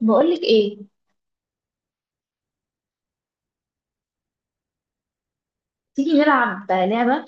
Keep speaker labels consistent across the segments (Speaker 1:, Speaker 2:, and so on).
Speaker 1: بقولك ايه؟ تيجي نلعب لعبة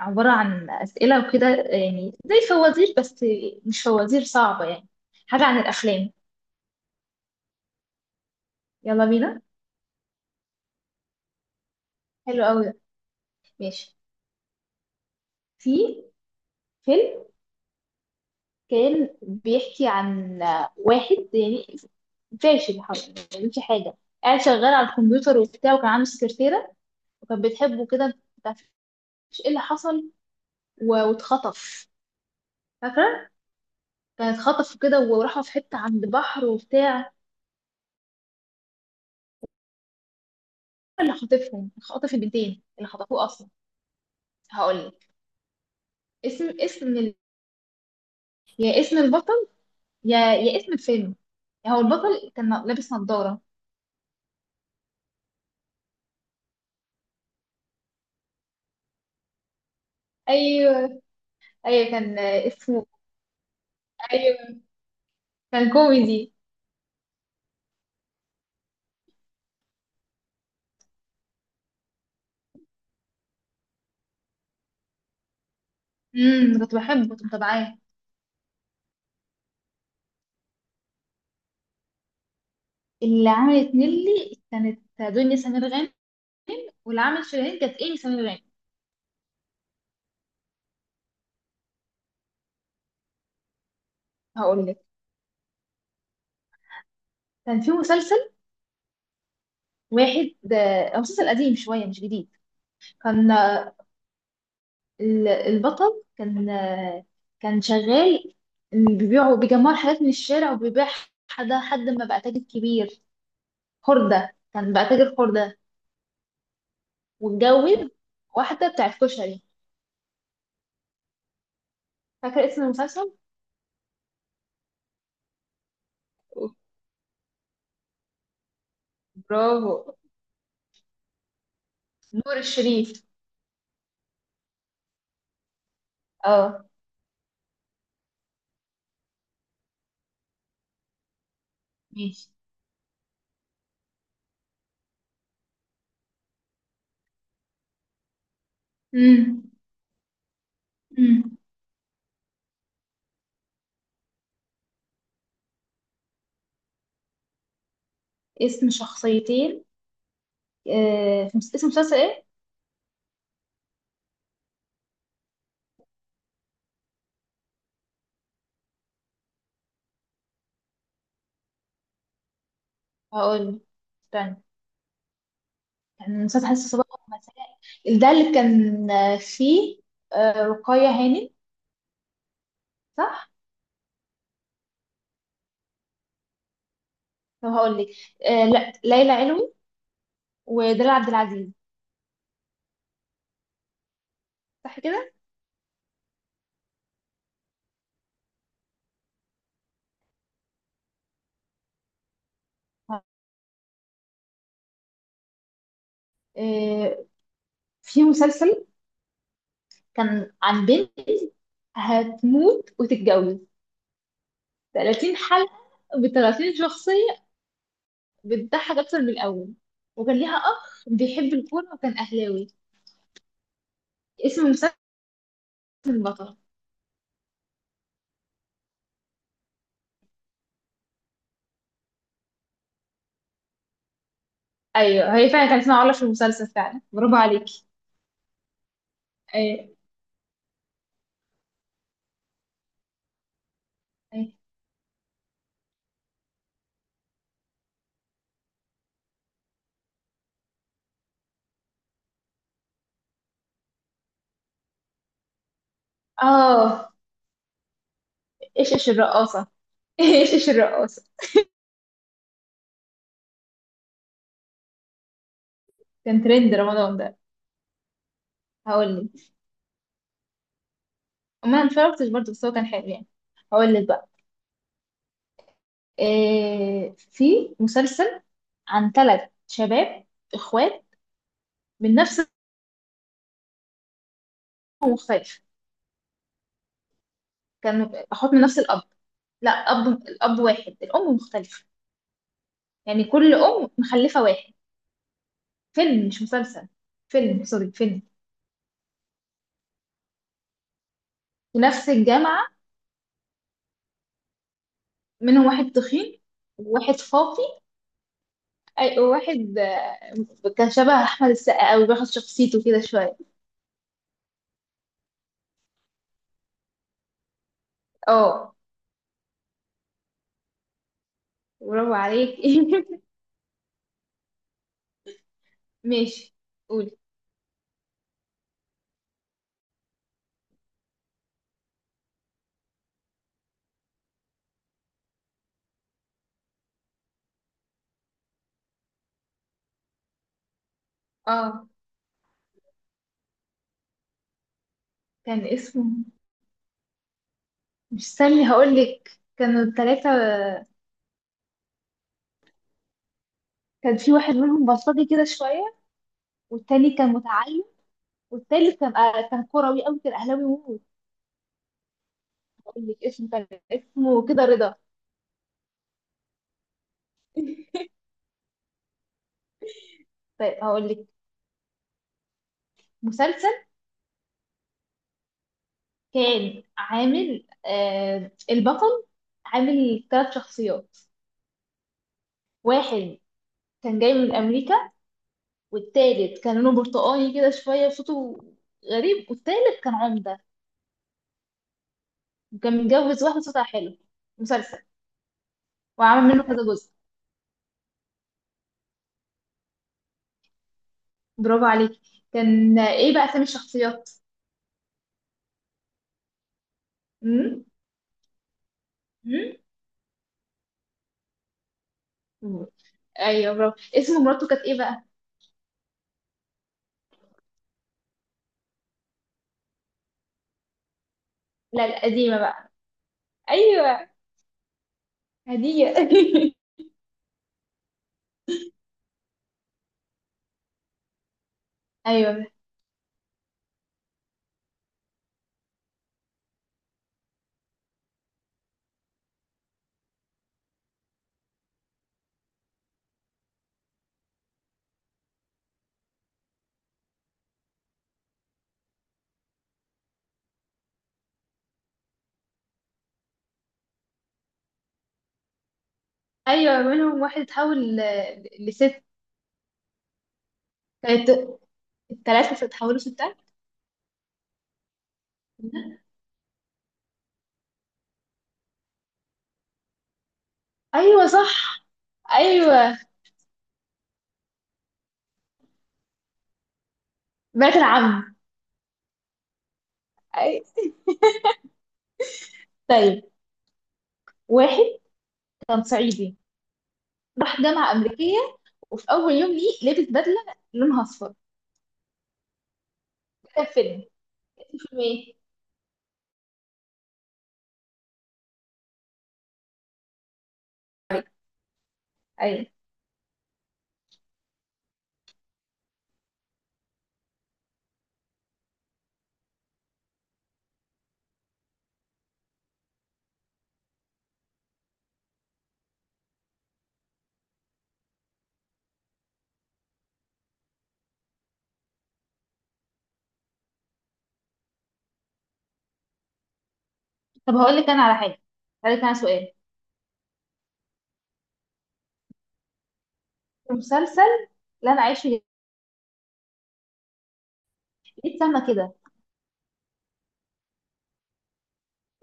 Speaker 1: عبارة عن أسئلة وكده، يعني زي فوازير، بس مش فوازير صعبة يعني. حاجة عن الأفلام. يلا بينا. حلو قوي ده. ماشي. في فيلم كان بيحكي عن واحد يعني فاشل حرفيا، ما بيعملش حاجة، قاعد شغال على الكمبيوتر وبتاع، وكان عنده سكرتيرة وكانت بتحبه كده. ما تعرفش ايه اللي حصل؟ و- واتخطف. فاكرة؟ كان اتخطف كده، وراحوا في حتة عند بحر وبتاع. اللي خاطفهم خاطف البنتين اللي خطفوه اصلا. هقول لك. اسم يا اسم البطل، يا اسم الفيلم. هو البطل كان لابس نظارة. ايوه، ايوه كان اسمه. ايوه كان كوميدي. امم، كنت بحبه، كنت متابعاه. اللي عملت نيلي كانت دنيا سمير غانم، واللي عملت شيرين كانت ايمي سمير غانم. هقول لك. كان في مسلسل واحد، مسلسل قديم شوية مش جديد. كان البطل كان كان شغال، إن بيبيعوا بيجمعوا الحاجات من الشارع وبيبيع. حد ما بقى تاجر كبير. خردة، كان بقى تاجر خردة، واتجوز واحدة بتاعت كشري. فاكرة اسم المسلسل؟ برافو. نور الشريف. اه، ماشي. امم. امم. اسم شخصيتين. في اسم مسلسل ايه؟ هقول، استنى. كان مسلسل حاسة صباح ومساء، ده اللي كان فيه رقية هانم، صح؟ طب هقول لك، لا، ليلى علوي ودلال عبد العزيز. صح كده. آه، في مسلسل كان عن بنت هتموت وتتجوز، 30 حلقة ب 30 شخصية، بتضحك أكتر من الأول، وكان ليها أخ بيحب الكورة وكان أهلاوي. اسم المسلسل؟ البطل. أيوه، هي فعلا كان اسمها علا في المسلسل فعلا. برافو عليكي. أيوه. أيوه. آه. إيش إيش الرقاصة. إيش إيش الرقاصة. كان ترند رمضان ده. هقول لك. ما اتفرجتش برضه، بس هو كان حلو يعني. هقول لك بقى. إيه، في مسلسل عن ثلاث شباب اخوات من نفس الأم مختلف. كانوا اخوات من نفس الاب. لا، اب، الاب واحد، الام مختلفه. يعني كل ام مخلفه واحد. فيلم مش مسلسل، فيلم سوري فيلم. في نفس الجامعه، منهم واحد تخين وواحد فاطي. وواحد كان شبه احمد السقا قوي، بياخد شخصيته كده شويه. اه. برافو عليك. ماشي، قولي. اه، كان اسمه، مش استني، هقولك. كانوا التلاتة، كان في واحد منهم بلطجي كده شوية، والتاني كان متعلم، والتالت كان كان كروي أوي، كان أهلاوي موت. هقولك اسمه، كان اسمه كده رضا. طيب هقولك. مسلسل كان عامل آه البطل، عامل تلات شخصيات. واحد كان جاي من أمريكا، والتالت كان لونه برتقاني كده شوية وصوته غريب، والتالت كان عمدة وكان متجوز واحدة صوتها حلو. مسلسل. وعامل منه كذا جزء. برافو عليك. كان ايه بقى اسامي الشخصيات؟ امم. امم. ايوه، برافو. اسم مراته كانت ايه بقى؟ لا، القديمه بقى. ايوه، هديه. ايوه. ايوه، منهم واحد اتحول لست. كانت الثلاثه اتحولوا ستات. ايوه صح. ايوه، بنات العم. أي... طيب، واحد كان صعيدي، راح جامعه امريكيه، وفي اول يوم ليه لبس بدله لونها اصفر ده. كان فيلم. فيلم ايه؟ ايوه. طب هقول لك انا على حاجه، هقول لك انا سؤال. المسلسل اللي انا عايش فيه، ليه اتسمى كده؟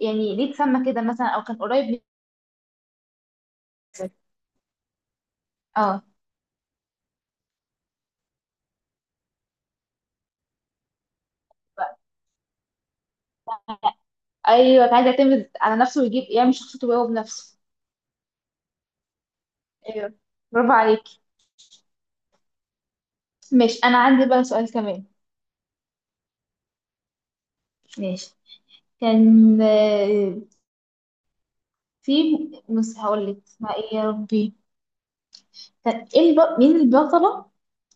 Speaker 1: يعني ليه اتسمى كده مثلا، او كان قريب من؟ اه، ايوه كان عايز يعتمد على نفسه، ويجيب يعمل شخصيته هو بنفسه. ايوه، برافو عليك. ماشي، انا عندي بقى سؤال كمان. ماشي. كان في هقول لك اسمها ايه يا ربي. كان ايه مين البطله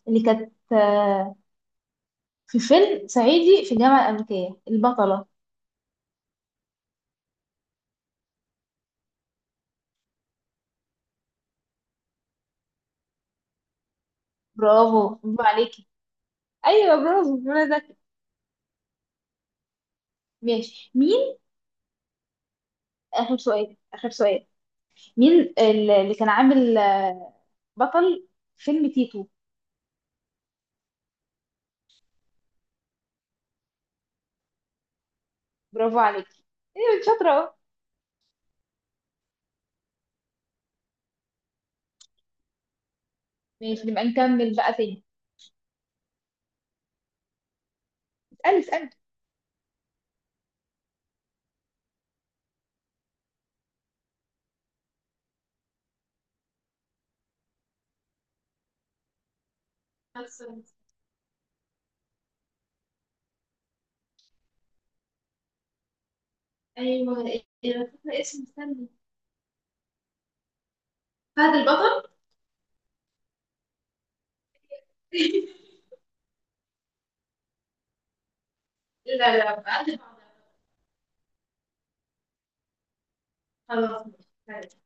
Speaker 1: اللي كانت في فيلم صعيدي في الجامعه الامريكيه، البطله؟ برافو، برافو عليك. ايوه برافو، منى زكي. ماشي. مين. اخر سؤال، اخر سؤال. مين اللي كان عامل بطل فيلم تيتو؟ برافو عليك. ايوه انت شاطره اهو. ماشي، نبقى نكمل بقى تاني. اسالي، اسالي. خلصت. ايوه. إيه، انا فاكره اسمه، استني. فهد البطل. لا لا، بعد بعض. خلاص. ماشي.